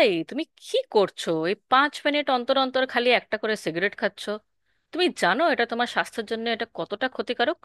এই তুমি কি করছো? এই 5 মিনিট অন্তর অন্তর খালি একটা করে সিগারেট খাচ্ছ? তুমি জানো এটা তোমার স্বাস্থ্যের জন্য এটা কতটা ক্ষতিকারক?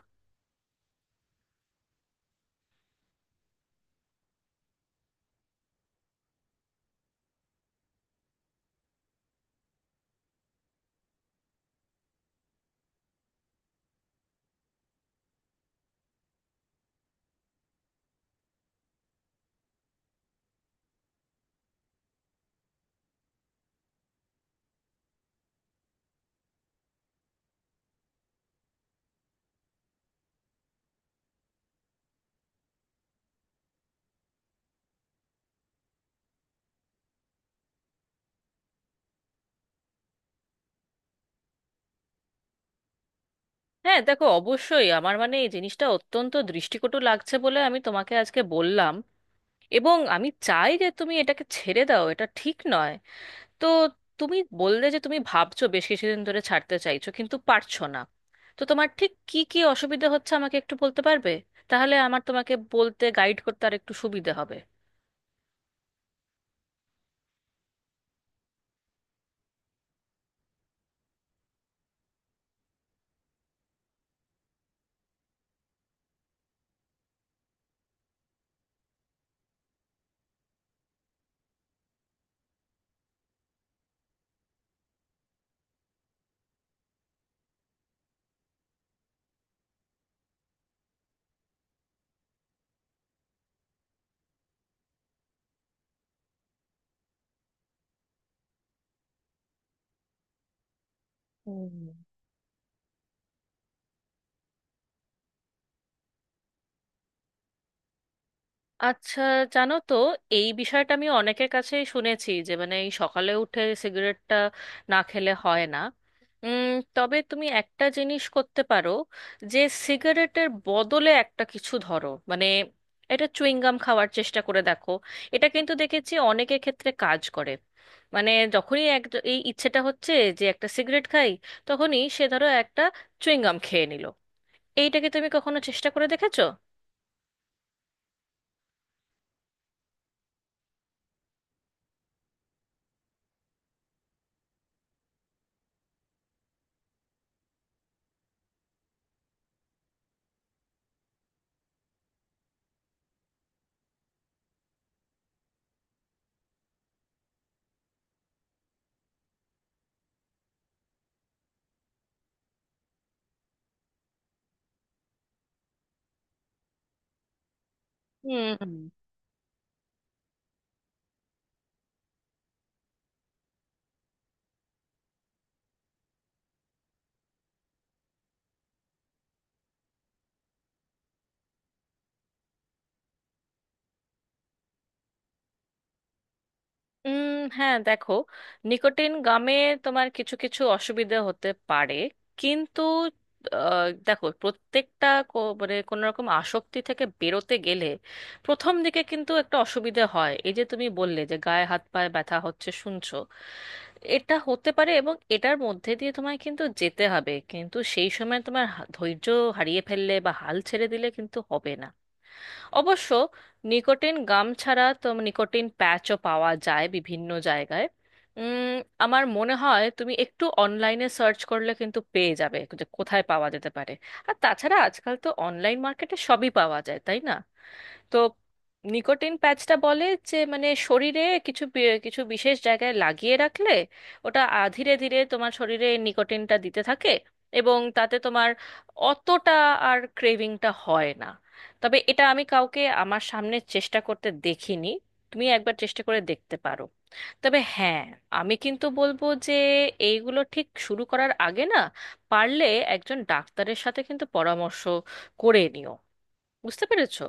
হ্যাঁ, দেখো, অবশ্যই আমার, মানে, এই জিনিসটা অত্যন্ত দৃষ্টিকটু লাগছে বলে আমি তোমাকে আজকে বললাম। এবং আমি চাই যে তুমি এটাকে ছেড়ে দাও, এটা ঠিক নয়। তো তুমি বললে যে তুমি ভাবছো বেশ কিছুদিন ধরে ছাড়তে চাইছো কিন্তু পারছো না। তো তোমার ঠিক কি কি অসুবিধা হচ্ছে আমাকে একটু বলতে পারবে? তাহলে আমার তোমাকে বলতে, গাইড করতে আর একটু সুবিধা হবে। হুম। আচ্ছা, জানো তো, এই বিষয়টা আমি অনেকের কাছেই শুনেছি যে, মানে, এই সকালে উঠে সিগারেটটা না খেলে হয় না। উম, তবে তুমি একটা জিনিস করতে পারো, যে সিগারেটের বদলে একটা কিছু, ধরো মানে, এটা চুইংগাম খাওয়ার চেষ্টা করে দেখো। এটা কিন্তু দেখেছি অনেকের ক্ষেত্রে কাজ করে। মানে যখনই এক, এই ইচ্ছেটা হচ্ছে যে একটা সিগারেট খাই, তখনই সে ধরো একটা চুইংগাম খেয়ে নিল। এইটাকে তুমি কখনো চেষ্টা করে দেখেছো? হুম। উম হ্যাঁ, দেখো, নিকোটিন গামে তোমার কিছু কিছু অসুবিধা হতে পারে, কিন্তু দেখো, প্রত্যেকটা মানে কোনো রকম আসক্তি থেকে বেরোতে গেলে প্রথম দিকে কিন্তু একটা অসুবিধা হয়। এই যে তুমি বললে যে গায়ে হাত পায়ে ব্যথা হচ্ছে শুনছো, এটা হতে পারে এবং এটার মধ্যে দিয়ে তোমায় কিন্তু যেতে হবে। কিন্তু সেই সময় তোমার ধৈর্য হারিয়ে ফেললে বা হাল ছেড়ে দিলে কিন্তু হবে না। অবশ্য নিকোটিন গাম ছাড়া তো নিকোটিন প্যাচও পাওয়া যায় বিভিন্ন জায়গায়। উম, আমার মনে হয় তুমি একটু অনলাইনে সার্চ করলে কিন্তু পেয়ে যাবে যে কোথায় পাওয়া যেতে পারে। আর তাছাড়া আজকাল তো অনলাইন মার্কেটে সবই পাওয়া যায়, তাই না? তো নিকোটিন প্যাচটা বলে যে, মানে, শরীরে কিছু বিশেষ জায়গায় লাগিয়ে রাখলে ওটা ধীরে ধীরে তোমার শরীরে এই নিকোটিনটা দিতে থাকে, এবং তাতে তোমার অতটা আর ক্রেভিংটা হয় না। তবে এটা আমি কাউকে আমার সামনে চেষ্টা করতে দেখিনি। তুমি একবার চেষ্টা করে দেখতে পারো। তবে হ্যাঁ, আমি কিন্তু বলবো যে এইগুলো ঠিক শুরু করার আগে না, পারলে একজন ডাক্তারের সাথে কিন্তু পরামর্শ করে নিও। বুঝতে পেরেছো?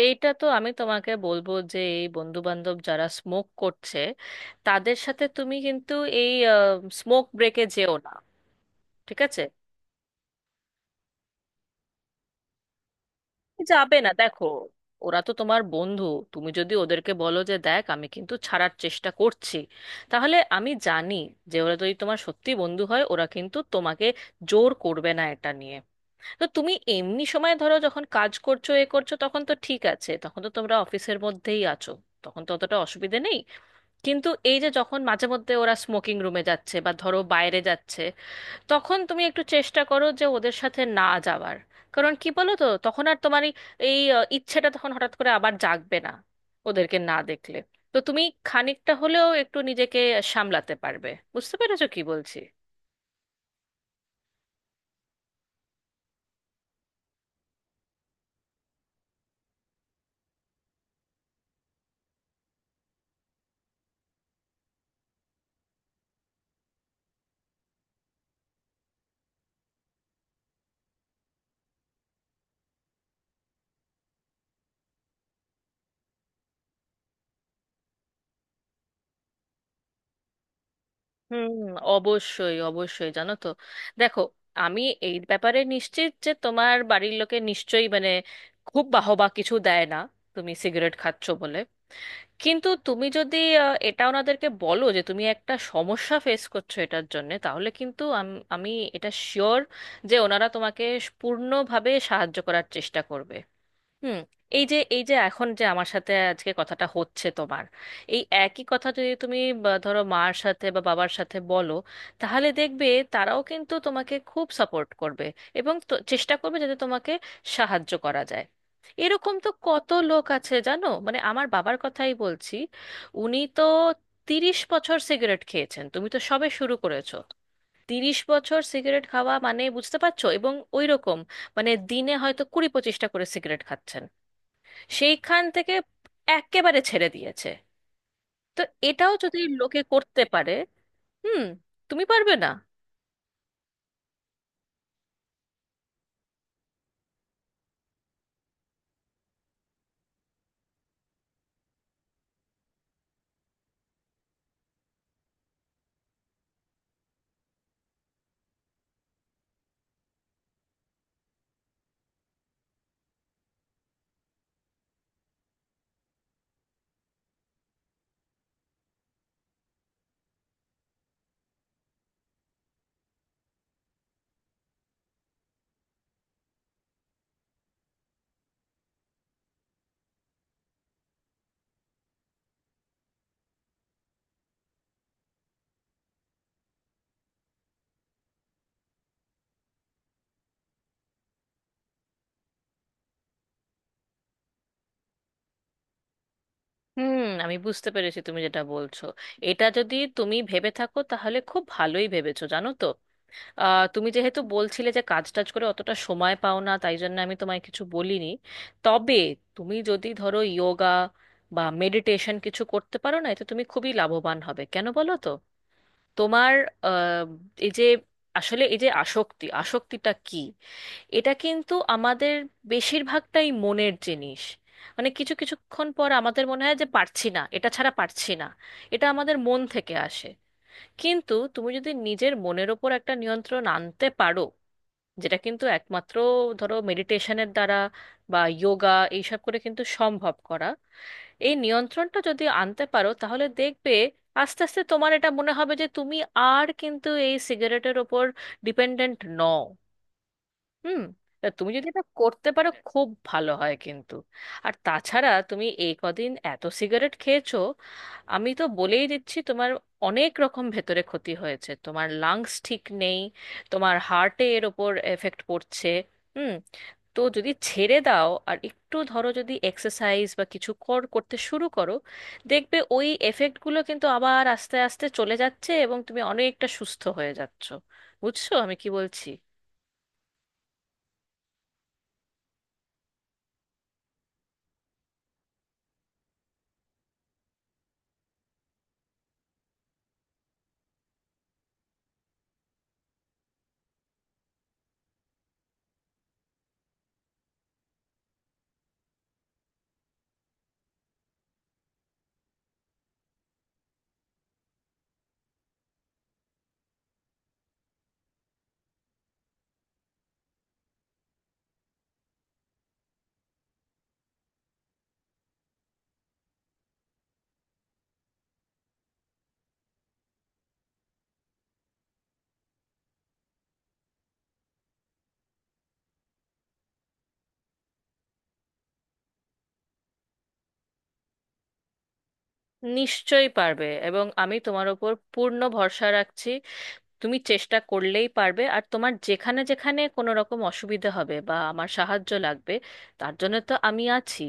এইটা তো আমি তোমাকে বলবো যে এই বন্ধু বান্ধব যারা স্মোক করছে তাদের সাথে তুমি কিন্তু এই স্মোক ব্রেকে যেও না। ঠিক আছে? যাবে না, দেখো, ওরা তো তোমার বন্ধু। তুমি যদি ওদেরকে বলো যে দেখ আমি কিন্তু ছাড়ার চেষ্টা করছি, তাহলে আমি জানি যে ওরা যদি তোমার সত্যি বন্ধু হয়, ওরা কিন্তু তোমাকে জোর করবে না এটা নিয়ে। তো তুমি এমনি সময়, ধরো যখন কাজ করছো এ করছো, তখন তো ঠিক আছে, তখন তো তোমরা অফিসের মধ্যেই আছো, তখন তো অতটা অসুবিধে নেই। কিন্তু এই যে যখন মাঝে মধ্যে ওরা স্মোকিং রুমে যাচ্ছে বা ধরো বাইরে যাচ্ছে, তখন তুমি একটু চেষ্টা করো যে ওদের সাথে না যাওয়ার। কারণ কি বলো তো, তখন আর তোমার এই এই, আহ, ইচ্ছেটা তখন হঠাৎ করে আবার জাগবে না, ওদেরকে না দেখলে। তো তুমি খানিকটা হলেও একটু নিজেকে সামলাতে পারবে। বুঝতে পেরেছো কি বলছি? হুম। অবশ্যই অবশ্যই, জানো তো, দেখো, আমি এই ব্যাপারে নিশ্চিত যে তোমার বাড়ির লোকে নিশ্চয়ই, মানে, খুব বাহবা কিছু দেয় না তুমি সিগারেট খাচ্ছো বলে। কিন্তু তুমি যদি এটা ওনাদেরকে বলো যে তুমি একটা সমস্যা ফেস করছো এটার জন্যে, তাহলে কিন্তু আমি এটা শিওর যে ওনারা তোমাকে পূর্ণভাবে সাহায্য করার চেষ্টা করবে। হুম। এই যে এখন যে আমার সাথে আজকে কথাটা হচ্ছে তোমার, এই একই কথা যদি তুমি বা ধরো মার সাথে বা বাবার সাথে বলো, তাহলে দেখবে তারাও কিন্তু তোমাকে খুব সাপোর্ট করবে এবং চেষ্টা করবে যাতে তোমাকে সাহায্য করা যায়। এরকম তো কত লোক আছে, জানো, মানে আমার বাবার কথাই বলছি। উনি তো 30 বছর সিগারেট খেয়েছেন, তুমি তো সবে শুরু করেছো। তিরিশ বছর সিগারেট খাওয়া মানে বুঝতে পারছো, এবং ওই রকম, মানে দিনে হয়তো 20 25টা করে সিগারেট খাচ্ছেন। সেইখান থেকে একেবারে ছেড়ে দিয়েছে। তো এটাও যদি লোকে করতে পারে, হুম, তুমি পারবে না? হুম, আমি বুঝতে পেরেছি তুমি যেটা বলছো। এটা যদি তুমি ভেবে থাকো, তাহলে খুব ভালোই ভেবেছো, জানো তো। তুমি যেহেতু বলছিলে যে কাজ টাজ করে অতটা সময় পাও না, তাই জন্য আমি তোমায় কিছু বলিনি। তবে তুমি যদি ধরো যোগা বা মেডিটেশন কিছু করতে পারো, না, এতে তুমি খুবই লাভবান হবে। কেন বলো তো? তোমার আহ, এই যে আসলে, এই যে, আসক্তিটা কি, এটা কিন্তু আমাদের বেশিরভাগটাই মনের জিনিস। মানে কিছু কিছুক্ষণ পর আমাদের মনে হয় যে পারছি না, এটা ছাড়া পারছি না। এটা আমাদের মন থেকে আসে। কিন্তু তুমি যদি নিজের মনের ওপর একটা নিয়ন্ত্রণ আনতে পারো, যেটা কিন্তু একমাত্র ধরো মেডিটেশনের দ্বারা বা যোগা এইসব করে কিন্তু সম্ভব করা, এই নিয়ন্ত্রণটা যদি আনতে পারো, তাহলে দেখবে আস্তে আস্তে তোমার এটা মনে হবে যে তুমি আর কিন্তু এই সিগারেটের ওপর ডিপেন্ডেন্ট নও। হুম। তা তুমি যদি এটা করতে পারো, খুব ভালো হয় কিন্তু। আর তাছাড়া তুমি এই কদিন এত সিগারেট খেয়েছো, আমি তো বলেই দিচ্ছি তোমার অনেক রকম ভেতরে ক্ষতি হয়েছে, তোমার লাংস ঠিক নেই, তোমার হার্টে এর ওপর এফেক্ট পড়ছে। হুম। তো যদি ছেড়ে দাও আর একটু ধরো যদি এক্সারসাইজ বা কিছু করতে শুরু করো, দেখবে ওই এফেক্টগুলো কিন্তু আবার আস্তে আস্তে চলে যাচ্ছে এবং তুমি অনেকটা সুস্থ হয়ে যাচ্ছ। বুঝছো আমি কি বলছি? নিশ্চয়ই পারবে, এবং আমি তোমার ওপর পূর্ণ ভরসা রাখছি। তুমি চেষ্টা করলেই পারবে। আর তোমার যেখানে যেখানে কোনো রকম অসুবিধা হবে বা আমার সাহায্য লাগবে, তার জন্য তো আমি আছি।